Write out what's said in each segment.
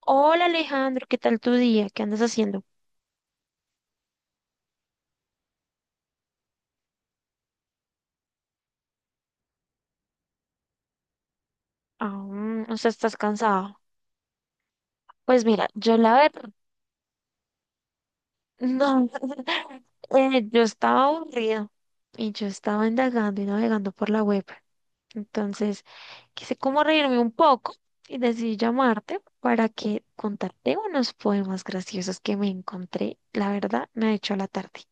Hola Alejandro, ¿qué tal tu día? ¿Qué andas haciendo? Aún, o sea, estás cansado. Pues mira, yo la verdad, no, yo estaba aburrido y yo estaba indagando y navegando por la web. Entonces, quise como reírme un poco y decidí llamarte para que contarte unos poemas graciosos que me encontré. La verdad, me ha hecho la tarde.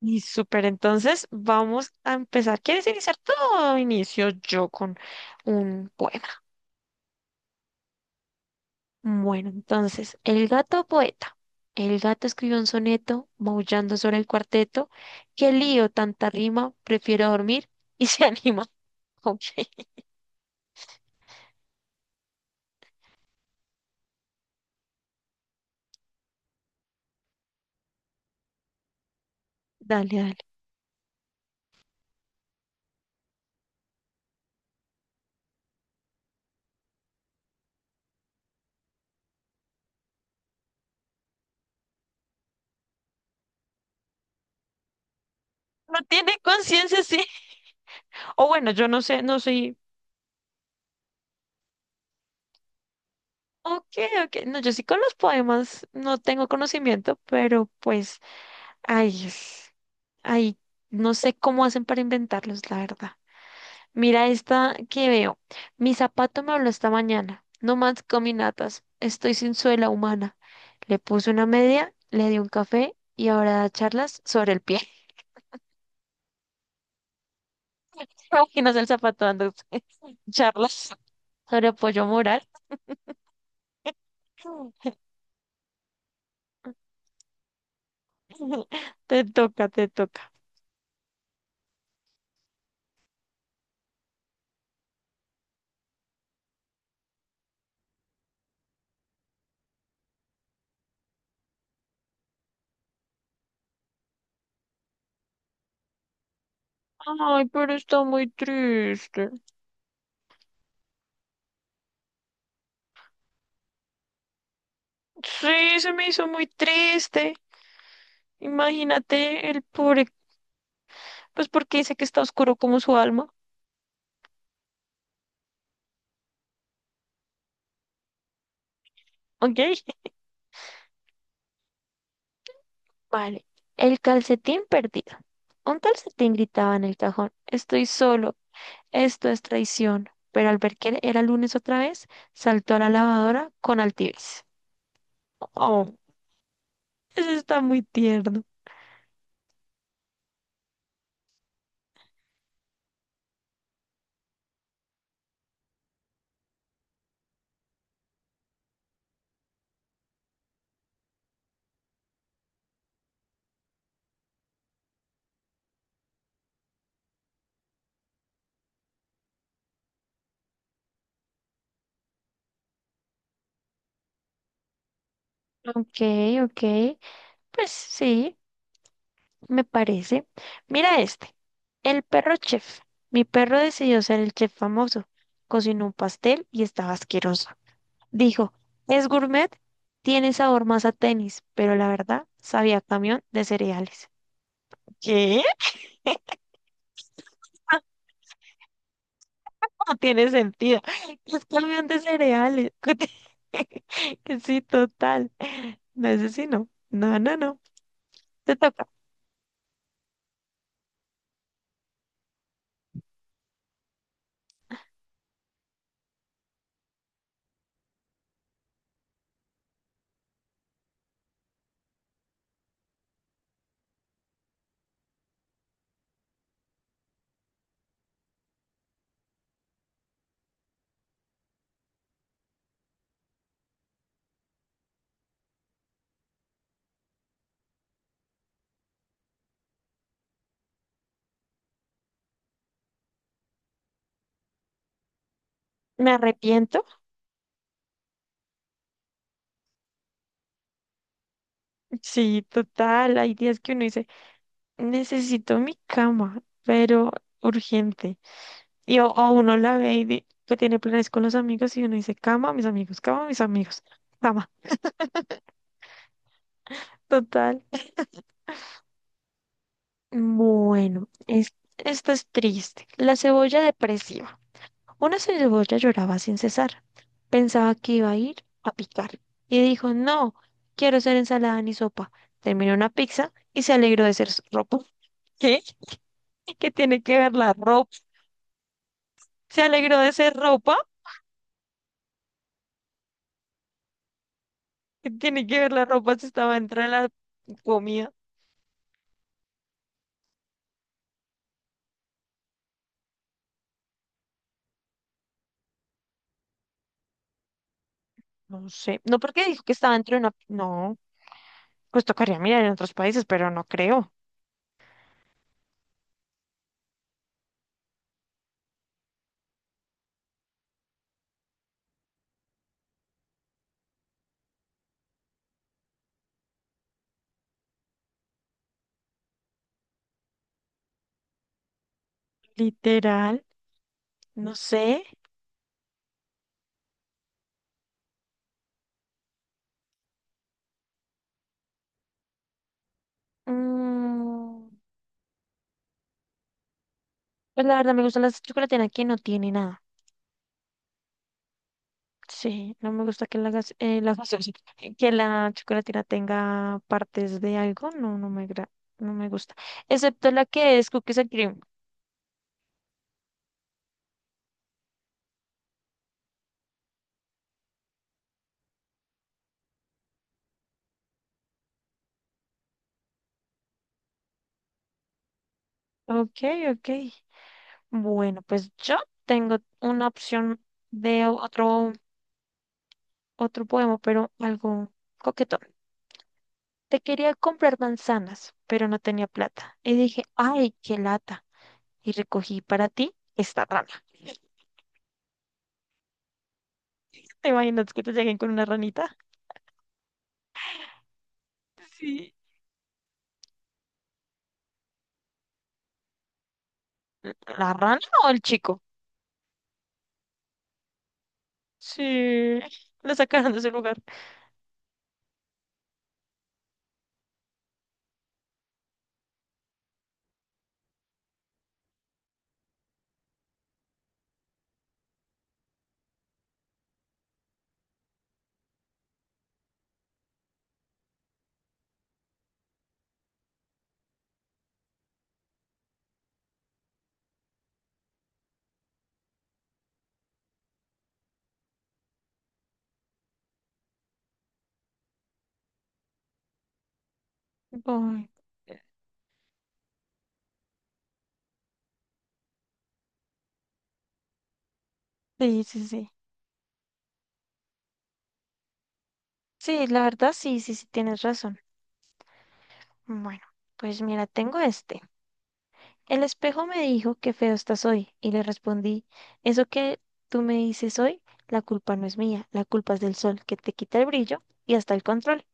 Y súper, entonces vamos a empezar. ¿Quieres iniciar tú o inicio yo con un poema? Bueno, entonces, el gato poeta. El gato escribió un soneto maullando sobre el cuarteto. Qué lío, tanta rima, prefiero dormir y se anima. Ok, dale, dale. No tiene conciencia, sí. O bueno, yo no sé, no soy. Ok, ok. No, yo sí con los poemas no tengo conocimiento, pero pues, ay, es- ay, no sé cómo hacen para inventarlos, la verdad. Mira esta que veo. Mi zapato me habló esta mañana. No más caminatas. Estoy sin suela humana. Le puse una media, le di un café y ahora da charlas sobre el pie. ¿Te imaginas el zapato dando charlas sobre apoyo moral? Te toca. Ay, pero está muy triste. Sí, se me hizo muy triste. Imagínate el pobre, pues porque dice que está oscuro como su alma. ¿Ok? Vale, el calcetín perdido. Un calcetín gritaba en el cajón, estoy solo, esto es traición. Pero al ver que era lunes otra vez, saltó a la lavadora con altivez. Oh, eso está muy tierno. Ok, ok, pues sí, me parece. Mira este, el perro chef. Mi perro decidió ser el chef famoso. Cocinó un pastel y estaba asqueroso. Dijo, es gourmet, tiene sabor más a tenis, pero la verdad sabía a camión de cereales. ¿Qué? No tiene sentido. ¿Es camión de cereales? Que sí, total. No sé si no. No, no, no. Te toca. ¿Me arrepiento? Sí, total. Hay días que uno dice, necesito mi cama, pero urgente. O uno la ve y que tiene planes con los amigos y uno dice, cama, mis amigos, cama, mis amigos, cama. Total. Bueno, esto es triste. La cebolla depresiva. Una cebolla lloraba sin cesar. Pensaba que iba a ir a picar. Y dijo, no, quiero ser ensalada ni sopa. Terminó una pizza y se alegró de ser ropa. ¿Qué? ¿Qué tiene que ver la ropa? ¿Se alegró de ser ropa? ¿Qué tiene que ver la ropa si estaba dentro de la comida? No sé. No, porque dijo que estaba dentro de una... No, pues tocaría mirar en otros países, pero no creo. Literal. No sé. Mm, pues la verdad me gusta la chocolatina que no tiene nada. Sí, no me gusta que la que la chocolatina tenga partes de algo. No, no me gusta. Excepto la que es cookies and cream. Ok, ok. Bueno, pues yo tengo una opción de otro, otro poema, pero algo coquetón. Te quería comprar manzanas, pero no tenía plata. Y dije, ay, qué lata. Y recogí para ti esta rana. ¿Te imaginas que te lleguen con una ranita? Sí. ¿La rana o el chico? Sí. Lo sacaron de su lugar. Ay, sí, sí, sí. Sí, la verdad, sí, sí, sí, tienes razón. Bueno, pues mira, tengo este. El espejo me dijo que feo estás hoy y le respondí, eso que tú me dices hoy, la culpa no es mía, la culpa es del sol que te quita el brillo y hasta el control.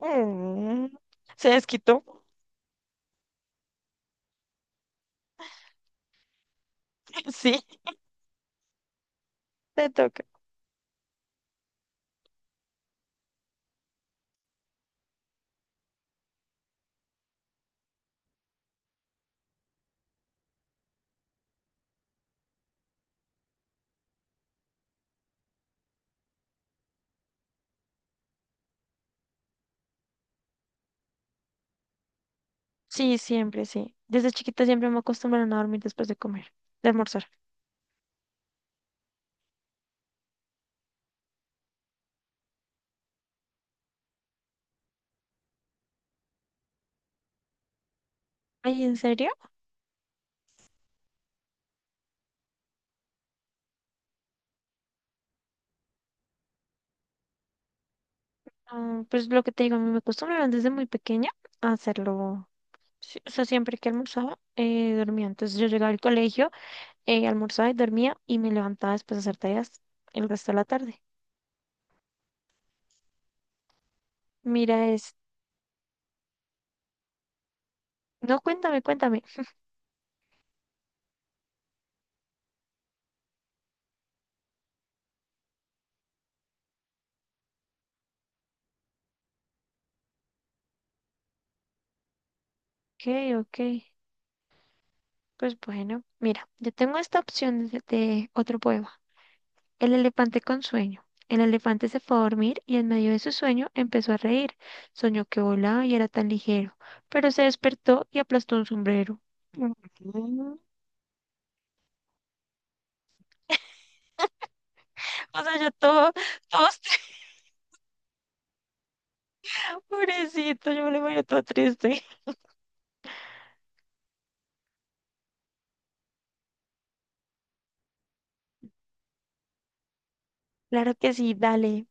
Mm, se desquitó. Sí, te toca. Sí, siempre, sí. Desde chiquita siempre me acostumbraron a dormir después de comer, de almorzar. Ay, ¿en serio? Ah, pues lo que te digo, a mí me acostumbraron desde muy pequeña a hacerlo. Sí, o sea, siempre que almorzaba, dormía. Entonces yo llegaba al colegio, almorzaba y dormía y me levantaba después de hacer tareas el resto de la tarde. Mira, es... No, cuéntame, cuéntame. Ok, ok. Pues bueno, mira, yo tengo esta opción de otro poema. El elefante con sueño. El elefante se fue a dormir y en medio de su sueño empezó a reír. Soñó que volaba y era tan ligero, pero se despertó y aplastó un sombrero. Ujú. O sea, yo todo, todo, pobrecito, yo me lo imagino todo triste. Claro que sí, dale.